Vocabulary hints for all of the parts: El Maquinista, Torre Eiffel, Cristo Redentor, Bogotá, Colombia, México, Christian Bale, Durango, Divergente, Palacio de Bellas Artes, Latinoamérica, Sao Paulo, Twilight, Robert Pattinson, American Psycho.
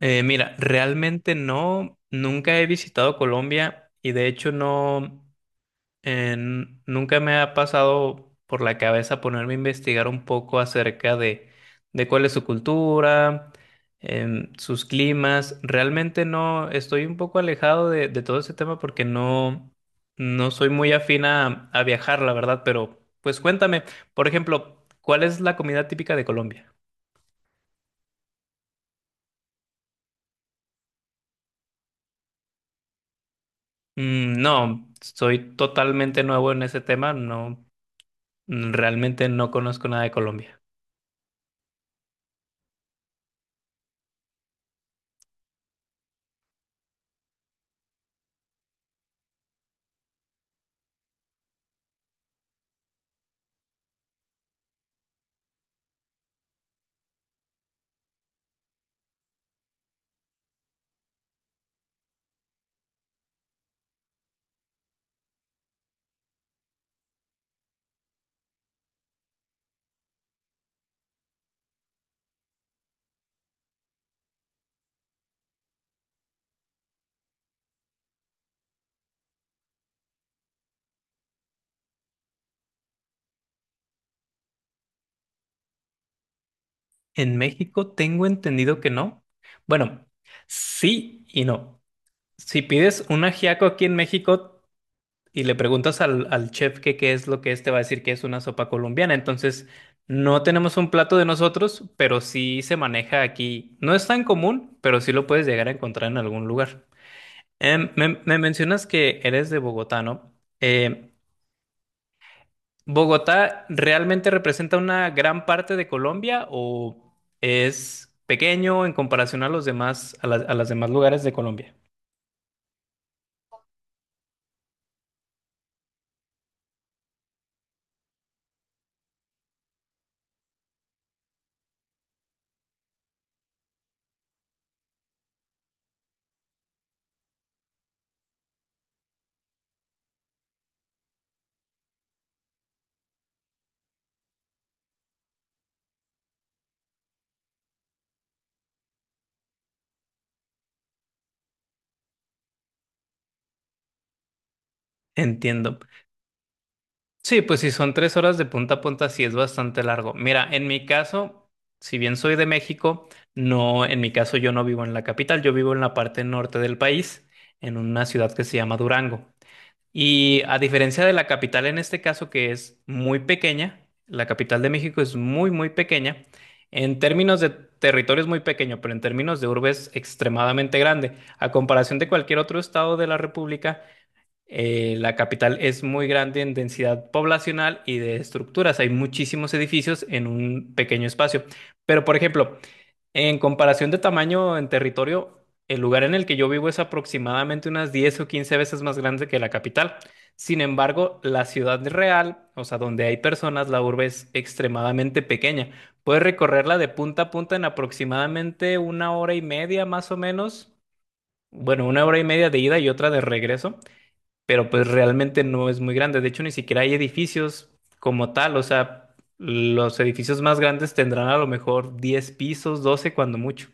Realmente no, nunca he visitado Colombia y de hecho nunca me ha pasado por la cabeza ponerme a investigar un poco acerca de cuál es su cultura, sus climas. Realmente no, estoy un poco alejado de todo ese tema porque no, no soy muy afín a viajar, la verdad, pero pues cuéntame, por ejemplo, ¿cuál es la comida típica de Colombia? Mm, no, soy totalmente nuevo en ese tema, no, mm, realmente no conozco nada de Colombia. En México tengo entendido que no. Bueno, sí y no. Si pides un ajiaco aquí en México y le preguntas al chef que qué es lo que es, te va a decir que es una sopa colombiana. Entonces, no tenemos un plato de nosotros, pero sí se maneja aquí. No es tan común, pero sí lo puedes llegar a encontrar en algún lugar. Me mencionas que eres de Bogotá, ¿no? Em, ¿Bogotá realmente representa una gran parte de Colombia o es pequeño en comparación a los demás, a los demás lugares de Colombia? Entiendo. Sí, pues si son tres horas de punta a punta, sí es bastante largo. Mira, en mi caso, si bien soy de México, no, en mi caso yo no vivo en la capital, yo vivo en la parte norte del país, en una ciudad que se llama Durango. Y a diferencia de la capital en este caso, que es muy pequeña, la capital de México es muy, muy pequeña, en términos de territorio es muy pequeño, pero en términos de urbe es extremadamente grande. A comparación de cualquier otro estado de la República, la capital es muy grande en densidad poblacional y de estructuras. Hay muchísimos edificios en un pequeño espacio. Pero, por ejemplo, en comparación de tamaño en territorio, el lugar en el que yo vivo es aproximadamente unas 10 o 15 veces más grande que la capital. Sin embargo, la ciudad real, o sea, donde hay personas, la urbe es extremadamente pequeña. Puedes recorrerla de punta a punta en aproximadamente una hora y media, más o menos. Bueno, una hora y media de ida y otra de regreso, pero pues realmente no es muy grande. De hecho, ni siquiera hay edificios como tal. O sea, los edificios más grandes tendrán a lo mejor 10 pisos, 12 cuando mucho.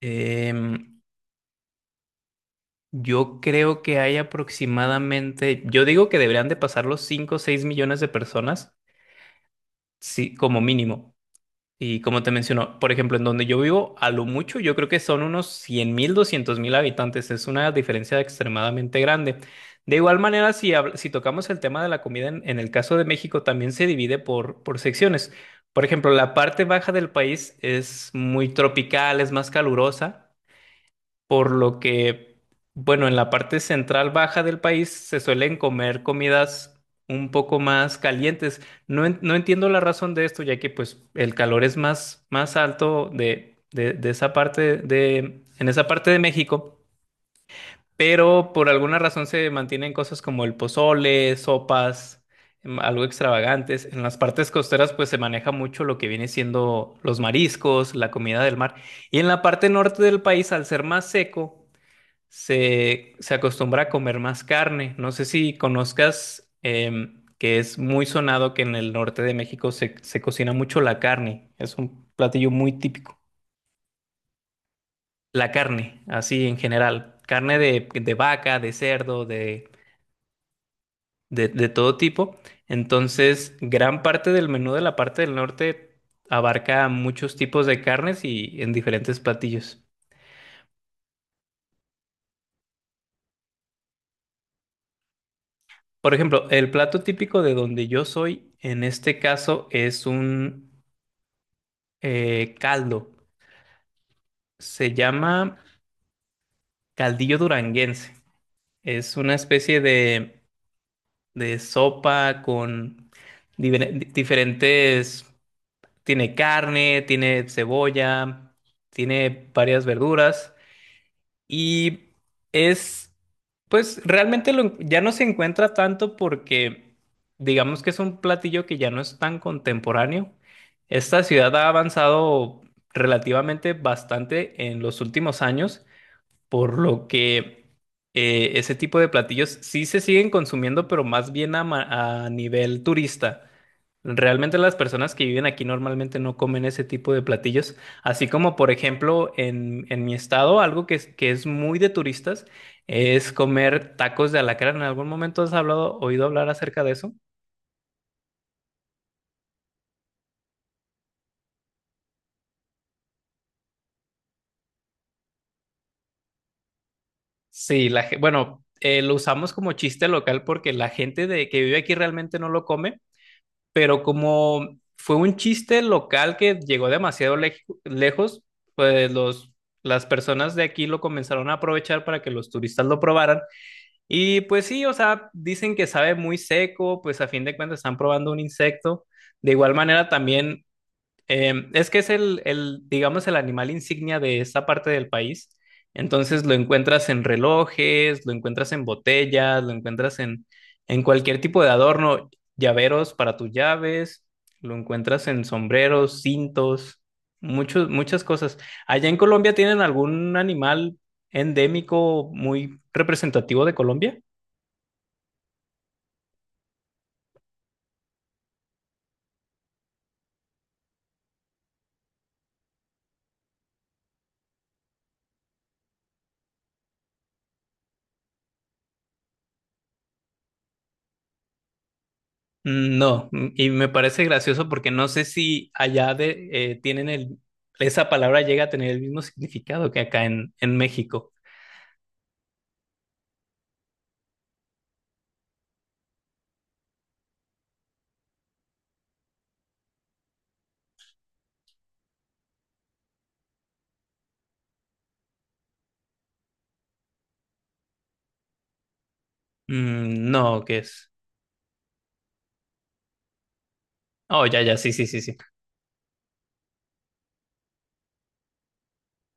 Em, yo creo que hay aproximadamente, yo digo que deberían de pasar los 5, o 6 millones de personas, sí, como mínimo. Y como te menciono, por ejemplo, en donde yo vivo, a lo mucho, yo creo que son unos 100.000, 200.000 habitantes. Es una diferencia extremadamente grande. De igual manera, si tocamos el tema de la comida, en el caso de México, también se divide por secciones. Por ejemplo, la parte baja del país es muy tropical, es más calurosa. Por lo que, bueno, en la parte central baja del país se suelen comer comidas un poco más calientes. No, no entiendo la razón de esto, ya que pues el calor es más, más alto de esa parte en esa parte de México, pero por alguna razón se mantienen cosas como el pozole, sopas, algo extravagantes. En las partes costeras pues se maneja mucho lo que viene siendo los mariscos, la comida del mar. Y en la parte norte del país, al ser más seco, se acostumbra a comer más carne. No sé si conozcas que es muy sonado que en el norte de México se cocina mucho la carne. Es un platillo muy típico. La carne, así en general. Carne de vaca, de cerdo, de todo tipo. Entonces, gran parte del menú de la parte del norte abarca muchos tipos de carnes y en diferentes platillos. Por ejemplo, el plato típico de donde yo soy, en este caso, es un caldo. Se llama caldillo duranguense. Es una especie de sopa con diferentes. Tiene carne, tiene cebolla, tiene varias verduras y es, pues realmente lo ya no se encuentra tanto porque digamos que es un platillo que ya no es tan contemporáneo. Esta ciudad ha avanzado relativamente bastante en los últimos años. Por lo que ese tipo de platillos sí se siguen consumiendo, pero más bien a nivel turista. Realmente las personas que viven aquí normalmente no comen ese tipo de platillos. Así como, por ejemplo, en mi estado, algo que que es muy de turistas es comer tacos de alacrán. ¿En algún momento has hablado, oído hablar acerca de eso? Sí, bueno, lo usamos como chiste local porque la gente que vive aquí realmente no lo come, pero como fue un chiste local que llegó demasiado lejos, pues las personas de aquí lo comenzaron a aprovechar para que los turistas lo probaran. Y pues sí, o sea, dicen que sabe muy seco, pues a fin de cuentas están probando un insecto. De igual manera también es que es digamos, el animal insignia de esta parte del país. Entonces lo encuentras en relojes, lo encuentras en botellas, lo encuentras en cualquier tipo de adorno, llaveros para tus llaves, lo encuentras en sombreros, cintos, muchas cosas. ¿Allá en Colombia tienen algún animal endémico muy representativo de Colombia? Mm, no, mm, y me parece gracioso porque no sé si allá tienen esa palabra llega a tener el mismo significado que acá en México. Mm, no, ¿qué es? Oh, ya, ya, sí, sí, sí, sí,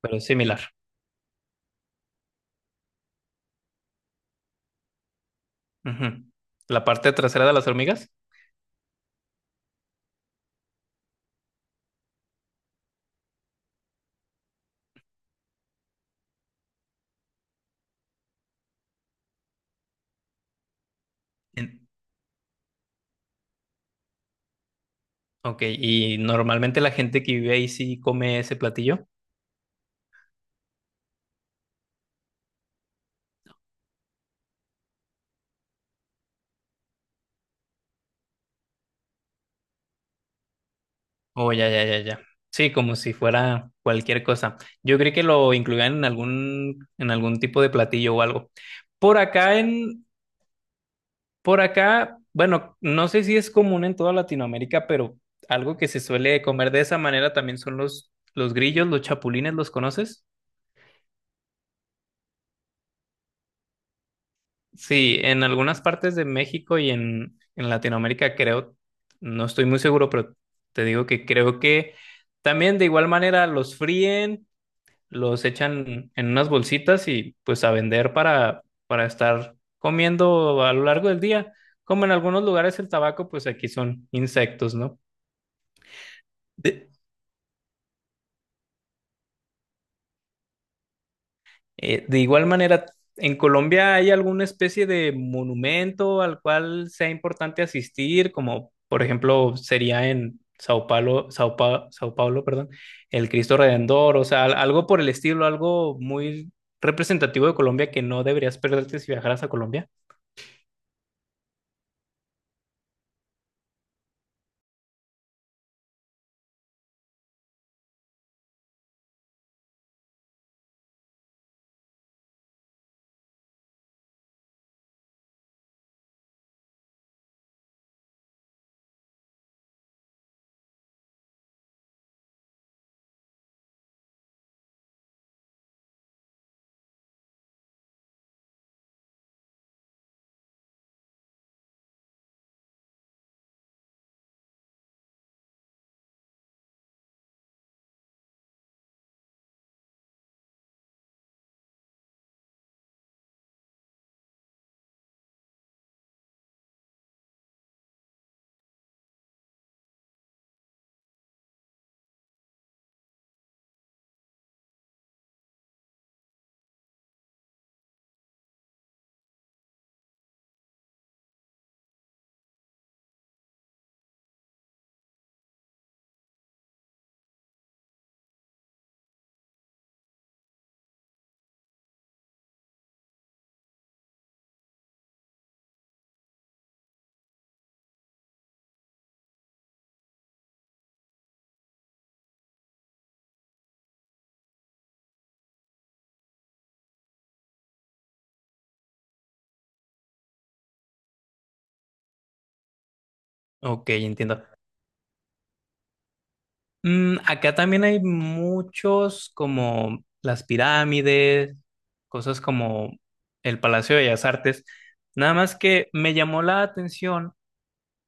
pero es similar. Ujú. La parte trasera de las hormigas. En- ok, y normalmente la gente que vive ahí sí come ese platillo. Oh, ya, ya, ya, ya. Sí, como si fuera cualquier cosa. Yo creí que lo incluían en algún tipo de platillo o algo. Por acá en, Por acá, bueno, no sé si es común en toda Latinoamérica, pero algo que se suele comer de esa manera también son los grillos, los chapulines, ¿los conoces? Sí, en algunas partes de México y en Latinoamérica creo, no estoy muy seguro, pero te digo que creo que también de igual manera los fríen, los echan en unas bolsitas y pues a vender para estar comiendo a lo largo del día. Como en algunos lugares el tabaco, pues aquí son insectos, ¿no? De, de igual manera, ¿en Colombia hay alguna especie de monumento al cual sea importante asistir? Como por ejemplo sería en Sao Paulo, Sao Paulo, perdón, el Cristo Redentor, o sea, algo por el estilo, algo muy representativo de Colombia que no deberías perderte si viajaras a Colombia. Ok, entiendo. Mm, acá también hay muchos como las pirámides, cosas como el Palacio de Bellas Artes. Nada más que me llamó la atención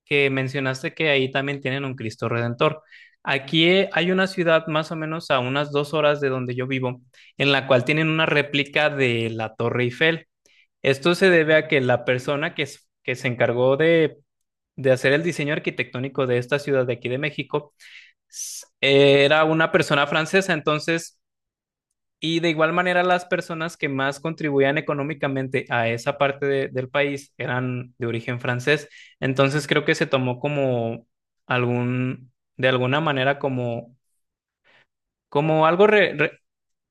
que mencionaste que ahí también tienen un Cristo Redentor. Aquí hay una ciudad más o menos a unas dos horas de donde yo vivo, en la cual tienen una réplica de la Torre Eiffel. Esto se debe a que la persona que se encargó de hacer el diseño arquitectónico de esta ciudad de aquí de México, era una persona francesa, entonces, y de igual manera las personas que más contribuían económicamente a esa parte del país eran de origen francés, entonces creo que se tomó como algún, de alguna manera como, como algo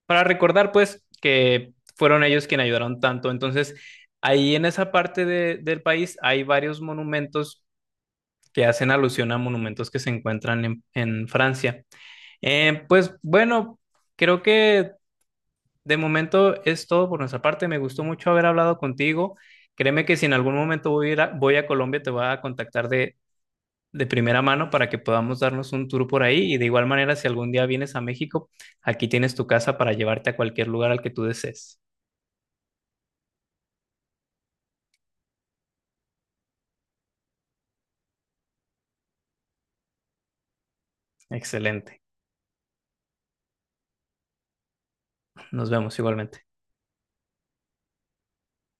para recordar, pues, que fueron ellos quienes ayudaron tanto, entonces, ahí en esa parte del país hay varios monumentos que hacen alusión a monumentos que se encuentran en Francia. Pues bueno, creo que de momento es todo por nuestra parte. Me gustó mucho haber hablado contigo. Créeme que si en algún momento voy a Colombia, te voy a contactar de primera mano para que podamos darnos un tour por ahí. Y de igual manera, si algún día vienes a México, aquí tienes tu casa para llevarte a cualquier lugar al que tú desees. Excelente. Nos vemos igualmente.